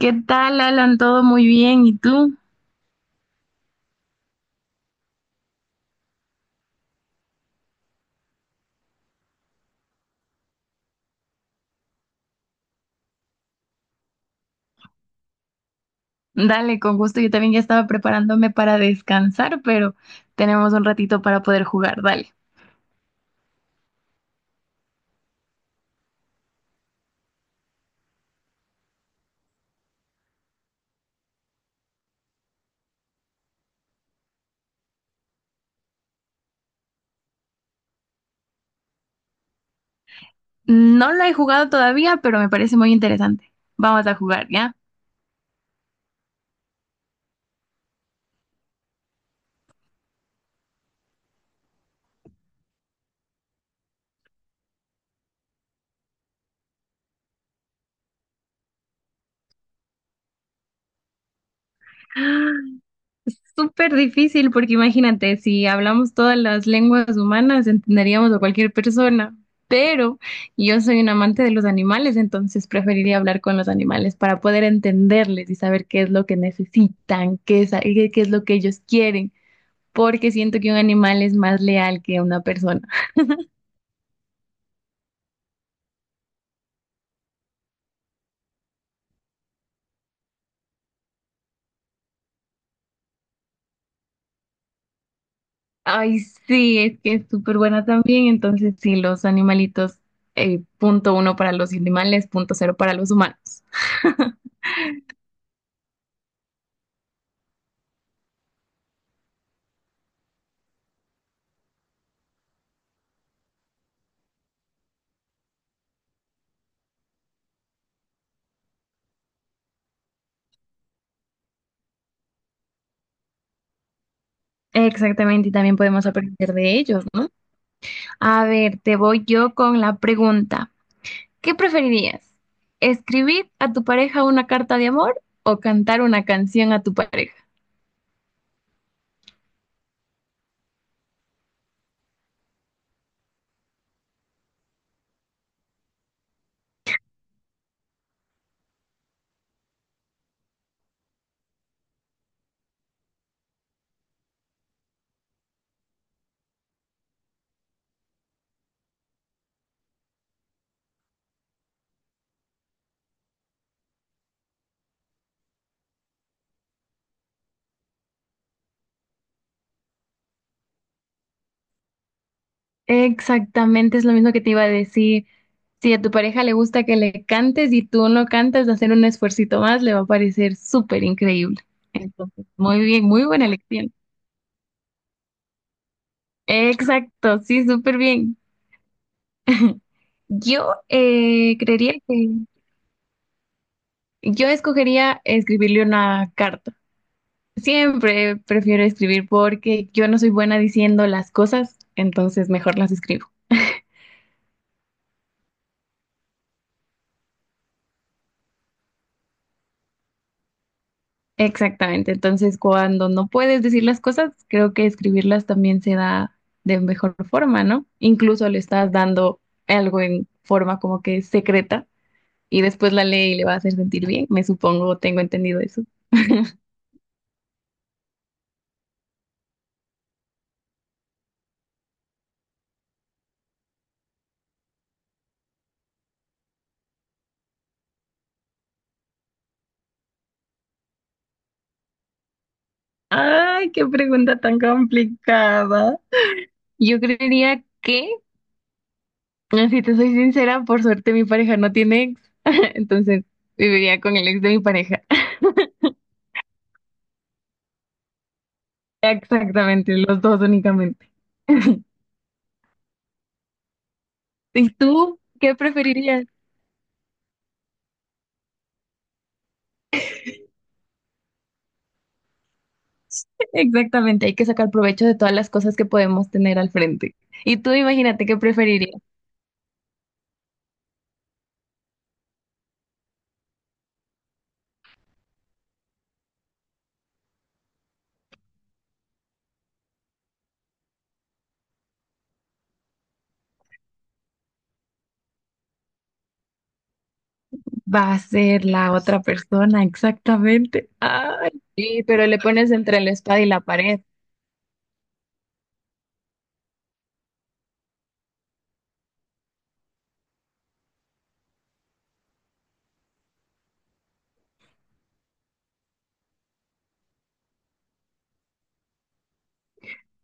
¿Qué tal, Alan? ¿Todo muy bien? ¿Y tú? Dale, con gusto. Yo también ya estaba preparándome para descansar, pero tenemos un ratito para poder jugar. Dale. No lo he jugado todavía, pero me parece muy interesante. Vamos a jugar, ¿ya? Súper difícil porque imagínate, si hablamos todas las lenguas humanas, entenderíamos a cualquier persona, pero yo soy un amante de los animales, entonces preferiría hablar con los animales para poder entenderles y saber qué es lo que necesitan, qué es, qué es lo que ellos quieren. Porque siento que un animal es más leal que una persona. Ay, sí, es que es súper buena también. Entonces, sí, los animalitos, punto uno para los animales, punto cero para los humanos. Exactamente, y también podemos aprender de ellos, ¿no? A ver, te voy yo con la pregunta. ¿Qué preferirías? ¿Escribir a tu pareja una carta de amor o cantar una canción a tu pareja? Exactamente, es lo mismo que te iba a decir. Si a tu pareja le gusta que le cantes y tú no cantas, hacer un esfuercito más le va a parecer súper increíble. Entonces, muy bien, muy buena elección. Exacto, sí, súper bien. Yo creería que yo escogería escribirle una carta. Siempre prefiero escribir porque yo no soy buena diciendo las cosas, entonces mejor las escribo. Exactamente. Entonces, cuando no puedes decir las cosas, creo que escribirlas también se da de mejor forma, ¿no? Incluso le estás dando algo en forma como que secreta y después la lee y le va a hacer sentir bien. Me supongo, tengo entendido eso. Ay, qué pregunta tan complicada. Yo creería que, si te soy sincera, por suerte mi pareja no tiene ex, entonces viviría con el ex de mi pareja. Exactamente, los dos únicamente. ¿Y tú qué preferirías? Exactamente, hay que sacar provecho de todas las cosas que podemos tener al frente. Y tú imagínate qué preferirías. Va a ser la otra persona, exactamente. Ay, sí, pero le pones entre la espada y la pared.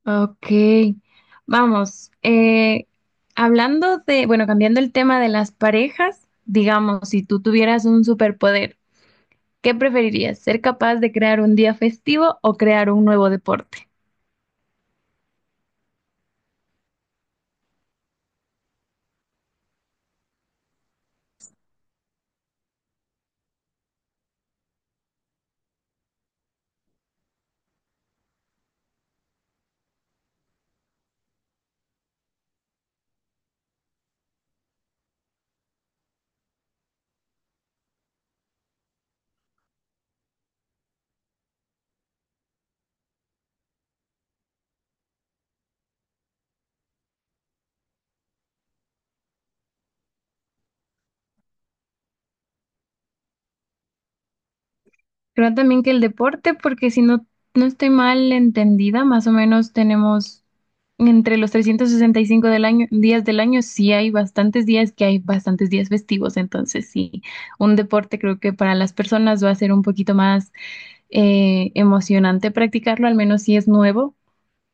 Ok, vamos. Hablando de, bueno, cambiando el tema de las parejas, digamos, si tú tuvieras un superpoder, ¿qué preferirías? ¿Ser capaz de crear un día festivo o crear un nuevo deporte? Creo también que el deporte, porque si no, no estoy mal entendida, más o menos tenemos entre los 365 del año, días del año, sí hay bastantes días que hay bastantes días festivos, entonces sí, un deporte creo que para las personas va a ser un poquito más emocionante practicarlo, al menos si es nuevo,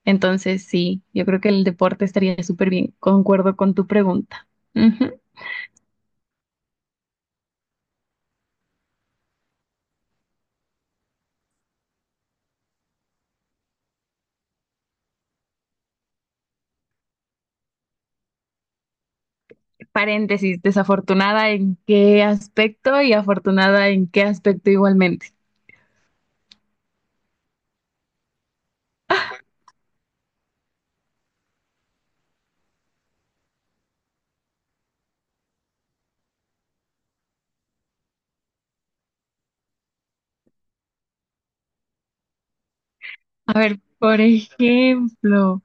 entonces sí, yo creo que el deporte estaría súper bien, concuerdo con tu pregunta. Ujú. Paréntesis, desafortunada en qué aspecto y afortunada en qué aspecto igualmente. A ver, por ejemplo,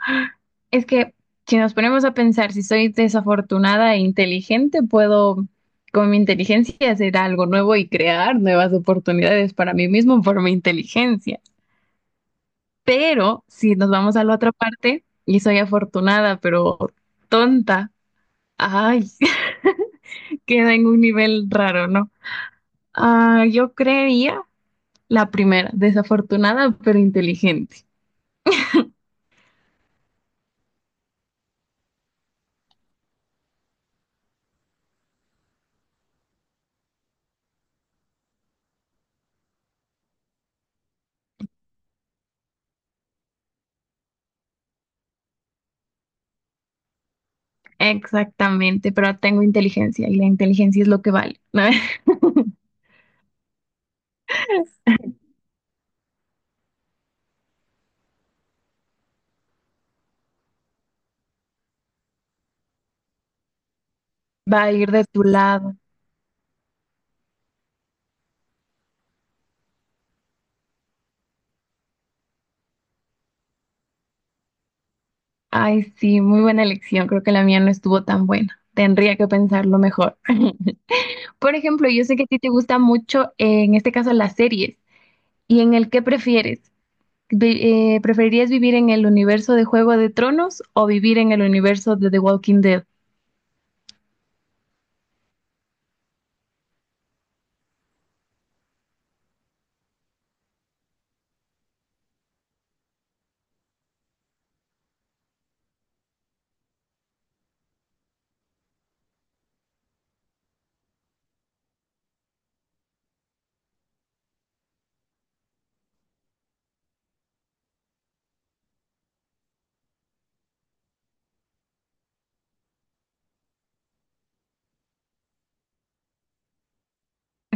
es que si nos ponemos a pensar, si soy desafortunada e inteligente, puedo con mi inteligencia hacer algo nuevo y crear nuevas oportunidades para mí mismo por mi inteligencia. Pero si nos vamos a la otra parte y soy afortunada, pero tonta, ay, queda en un nivel raro, ¿no? Ah, yo creería la primera, desafortunada pero inteligente. Exactamente, pero tengo inteligencia y la inteligencia es lo que vale, ¿no? Va a ir de tu lado. Ay, sí, muy buena elección. Creo que la mía no estuvo tan buena. Tendría que pensarlo mejor. Por ejemplo, yo sé que a ti te gusta mucho, en este caso, las series. ¿Y en el qué prefieres? ¿Preferirías vivir en el universo de Juego de Tronos o vivir en el universo de The Walking Dead?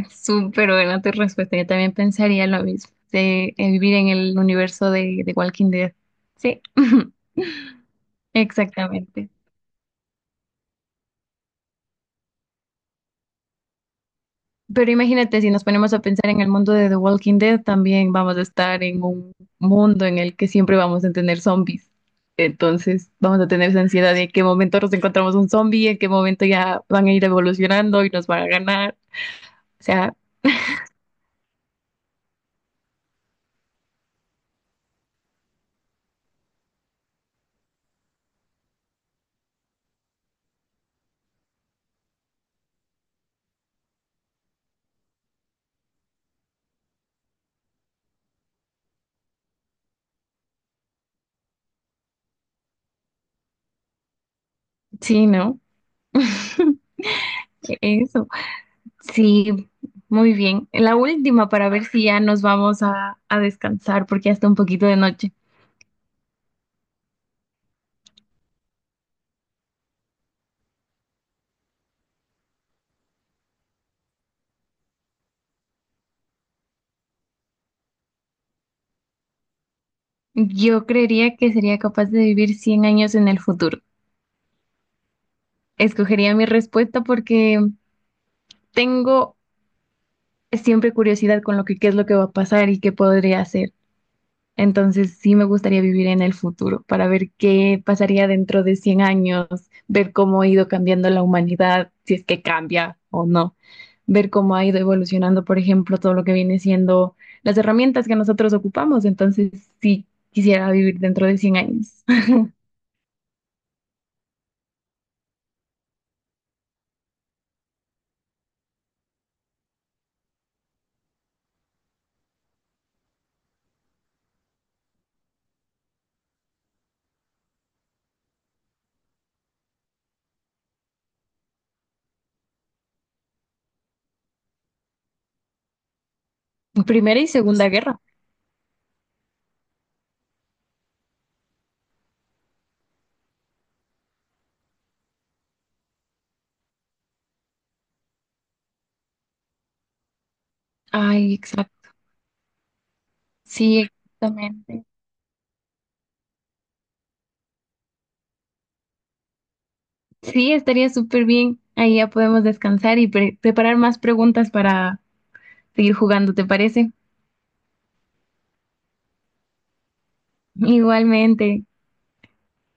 Súper buena tu respuesta. Yo también pensaría lo mismo, de, vivir en el universo de The Walking Dead. Sí. Exactamente. Pero imagínate, si nos ponemos a pensar en el mundo de The Walking Dead, también vamos a estar en un mundo en el que siempre vamos a tener zombies. Entonces, vamos a tener esa ansiedad de en qué momento nos encontramos un zombie, en qué momento ya van a ir evolucionando y nos van a ganar. O sea, sí, ¿no? Eso. Sí, muy bien. La última para ver si ya nos vamos a descansar porque ya está un poquito de noche. Yo creería que sería capaz de vivir 100 años en el futuro. Escogería mi respuesta porque tengo siempre curiosidad con lo que qué es lo que va a pasar y qué podría hacer. Entonces sí me gustaría vivir en el futuro para ver qué pasaría dentro de 100 años, ver cómo ha ido cambiando la humanidad, si es que cambia o no, ver cómo ha ido evolucionando, por ejemplo, todo lo que viene siendo las herramientas que nosotros ocupamos. Entonces sí quisiera vivir dentro de 100 años. Primera y Segunda Guerra. Ay, exacto. Sí, exactamente. Sí, estaría súper bien. Ahí ya podemos descansar y preparar más preguntas para seguir jugando, ¿te parece? Igualmente.